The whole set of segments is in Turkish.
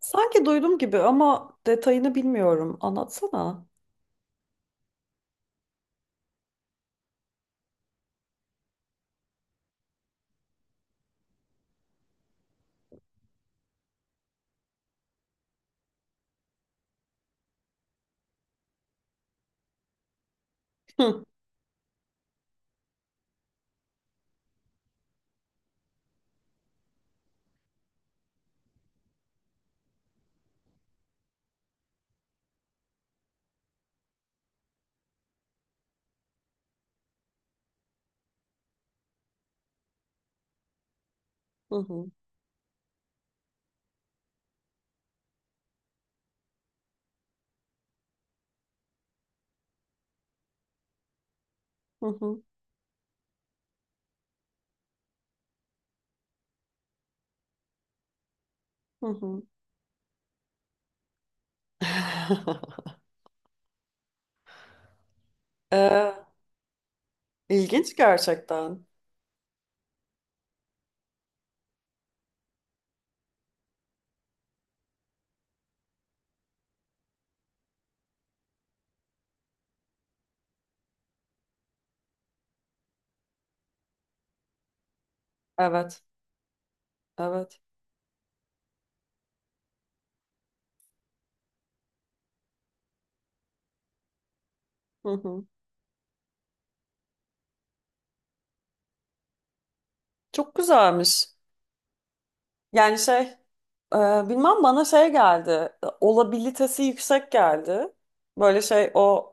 Sanki duydum gibi ama detayını bilmiyorum. Anlatsana. Hı hı hı hı hı. Hı. Ee, ilginç gerçekten. Evet, evet. Hı hı. Çok güzelmiş. Yani şey, Ee, bilmem bana şey geldi. Olabilitesi yüksek geldi. Böyle şey o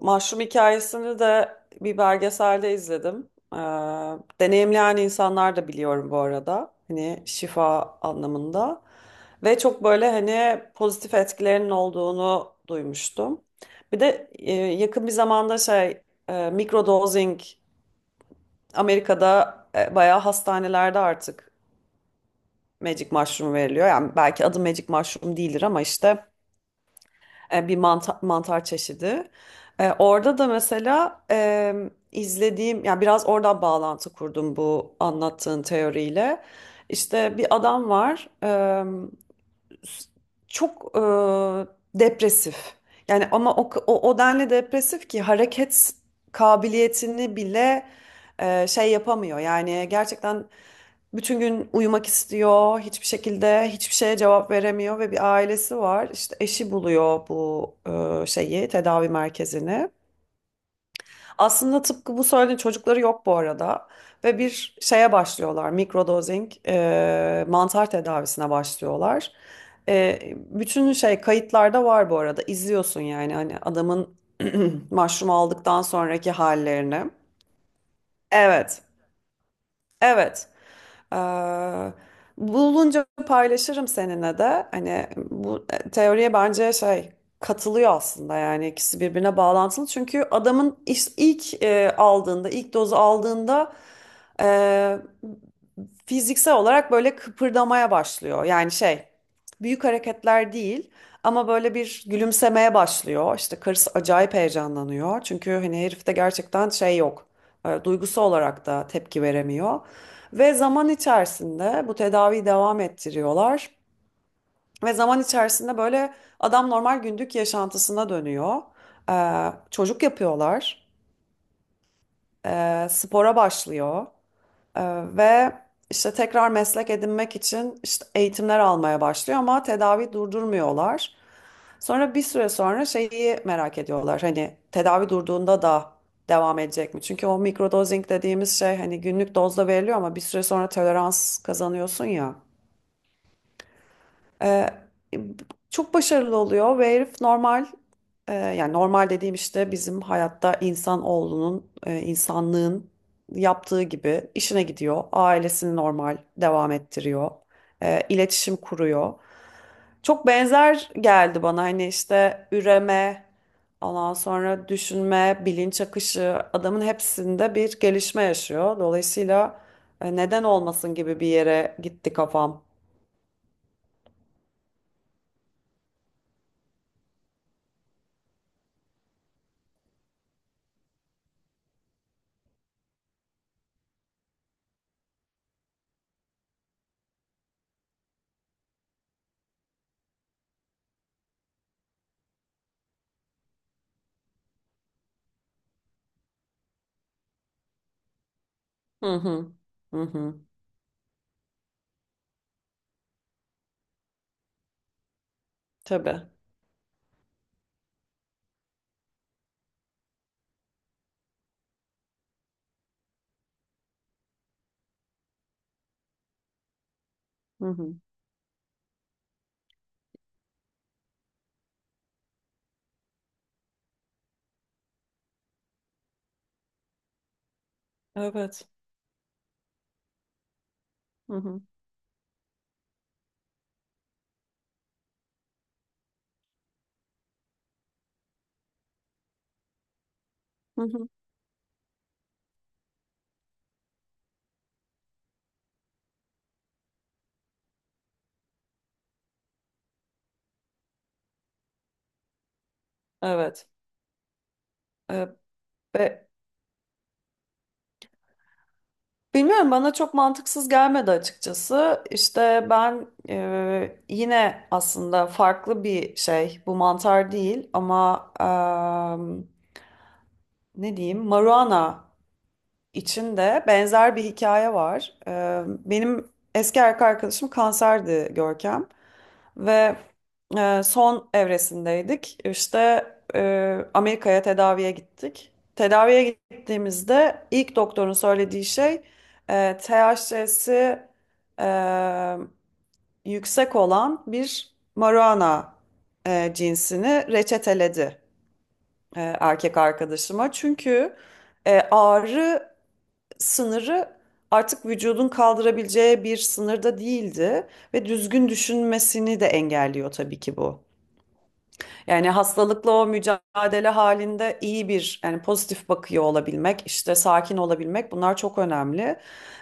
e, Mahşum hikayesini de bir belgeselde izledim. Deneyimleyen insanlar da biliyorum bu arada. Hani şifa anlamında. Ve çok böyle hani pozitif etkilerinin olduğunu duymuştum. Bir de yakın bir zamanda mikrodozing Amerika'da bayağı hastanelerde artık Magic mushroom veriliyor. Yani belki adı magic mushroom değildir ama işte bir mantar çeşidi. Orada da mesela izlediğim, yani biraz oradan bağlantı kurdum bu anlattığın teoriyle. İşte bir adam var, çok depresif. Yani ama o denli depresif ki hareket kabiliyetini bile şey yapamıyor. Yani gerçekten bütün gün uyumak istiyor, hiçbir şekilde hiçbir şeye cevap veremiyor ve bir ailesi var. İşte eşi buluyor bu şeyi, tedavi merkezini. Aslında tıpkı bu söylediğin çocukları yok bu arada ve bir şeye başlıyorlar, mikrodozing mantar tedavisine başlıyorlar. Bütün şey kayıtlarda var bu arada, izliyorsun yani hani adamın mushroom aldıktan sonraki hallerini. Evet, evet, ee, bulunca paylaşırım seninle de. Hani bu teoriye bence şey katılıyor aslında, yani ikisi birbirine bağlantılı. Çünkü ilk aldığında, ilk dozu aldığında e, fiziksel olarak böyle kıpırdamaya başlıyor. Yani şey, büyük hareketler değil ama böyle bir gülümsemeye başlıyor. İşte karısı acayip heyecanlanıyor. Çünkü hani herifte gerçekten şey yok. Duygusu olarak da tepki veremiyor. Ve zaman içerisinde bu tedaviyi devam ettiriyorlar. Ve zaman içerisinde böyle adam normal gündük yaşantısına dönüyor. E, Çocuk yapıyorlar. Spora başlıyor. Ee, ve işte tekrar meslek edinmek için işte eğitimler almaya başlıyor ama tedavi durdurmuyorlar. Sonra bir süre sonra şeyi merak ediyorlar. Hani tedavi durduğunda da devam edecek mi? Çünkü o mikrodozing dediğimiz şey hani günlük dozda veriliyor ama bir süre sonra tolerans kazanıyorsun ya. Ee, Çok başarılı oluyor ve herif normal yani normal dediğim işte bizim hayatta insanlığın yaptığı gibi işine gidiyor. Ailesini normal devam ettiriyor. İletişim kuruyor. Çok benzer geldi bana, hani işte üreme, ondan sonra düşünme, bilinç akışı, adamın hepsinde bir gelişme yaşıyor. Dolayısıyla neden olmasın gibi bir yere gitti kafam. Hı hı. Hı hı. Tabii. Hı hı. Evet. Hı hı. Hı hı. Evet. Ee, be- bilmiyorum, bana çok mantıksız gelmedi açıkçası. İşte ben yine aslında farklı bir şey. Bu mantar değil ama ne diyeyim? Maruana içinde benzer bir hikaye var. Benim eski erkek arkadaşım kanserdi, Görkem, ve son evresindeydik. İşte Amerika'ya tedaviye gittik. Tedaviye gittiğimizde ilk doktorun söylediği şey, THC'si e, yüksek olan bir marijuana cinsini reçeteledi erkek arkadaşıma. Çünkü ağrı sınırı artık vücudun kaldırabileceği bir sınırda değildi ve düzgün düşünmesini de engelliyor tabii ki bu. Yani hastalıkla o mücadele halinde iyi bir, yani pozitif bakıyor olabilmek, işte sakin olabilmek, bunlar çok önemli.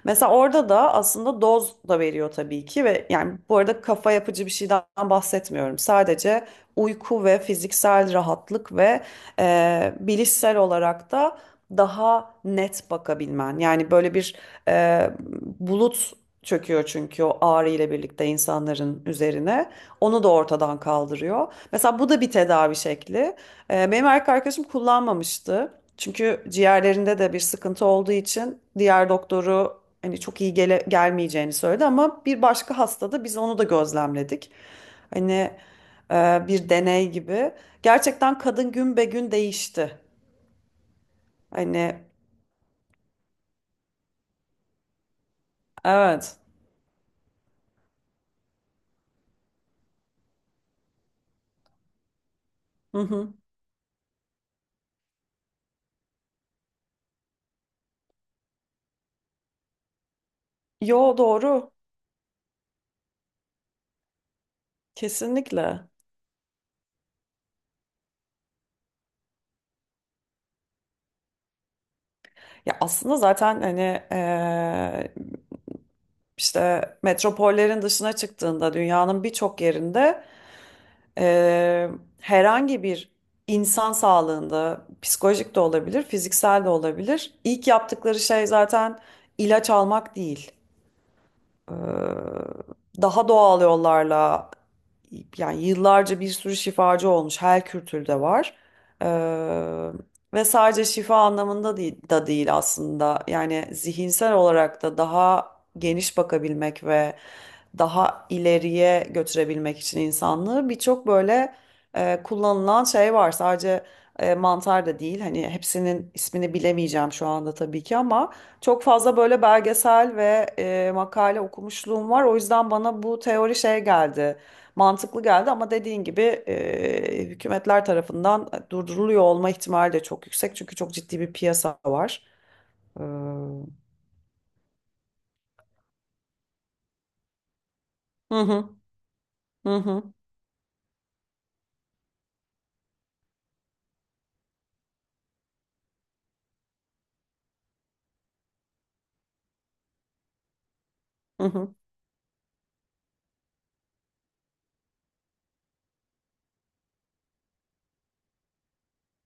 Mesela orada da aslında doz da veriyor tabii ki ve yani bu arada kafa yapıcı bir şeyden bahsetmiyorum. Sadece uyku ve fiziksel rahatlık ve bilişsel olarak da daha net bakabilmen. Yani böyle bir e, bulut çöküyor çünkü o ağrı ile birlikte insanların üzerine. Onu da ortadan kaldırıyor. Mesela bu da bir tedavi şekli. Benim erkek arkadaşım kullanmamıştı. Çünkü ciğerlerinde de bir sıkıntı olduğu için diğer doktoru hani çok iyi gelmeyeceğini söyledi ama bir başka hastada biz onu da gözlemledik. Hani bir deney gibi. Gerçekten kadın gün be gün değişti. Hani evet. Hı hı. Yo doğru. Kesinlikle. Ya aslında zaten hani e, işte metropollerin dışına çıktığında dünyanın birçok yerinde Eee, herhangi bir insan sağlığında psikolojik de olabilir, fiziksel de olabilir. İlk yaptıkları şey zaten ilaç almak değil. Ee, Daha doğal yollarla, yani yıllarca bir sürü şifacı olmuş. Her kültürde var. Ee, Ve sadece şifa anlamında değil, da değil aslında. Yani zihinsel olarak da daha geniş bakabilmek ve daha ileriye götürebilmek için insanlığı birçok böyle kullanılan şey var. Sadece mantar da değil. Hani hepsinin ismini bilemeyeceğim şu anda tabii ki ama çok fazla böyle belgesel ve makale okumuşluğum var. O yüzden bana bu teori şey geldi, mantıklı geldi ama dediğin gibi hükümetler tarafından durduruluyor olma ihtimali de çok yüksek. Çünkü çok ciddi bir piyasa var. Ee, Hı hı, hı hı, hı hı,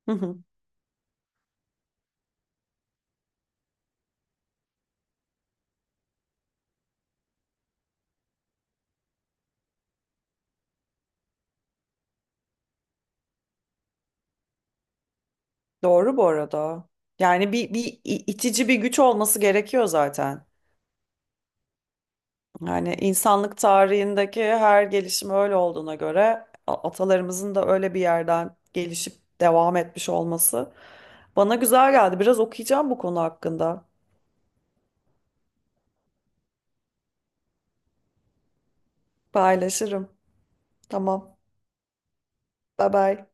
hı hı. Doğru bu arada. Yani bir itici bir güç olması gerekiyor zaten. Yani insanlık tarihindeki her gelişim öyle olduğuna göre atalarımızın da öyle bir yerden gelişip devam etmiş olması bana güzel geldi. Biraz okuyacağım bu konu hakkında. Paylaşırım. Tamam. Bye bye.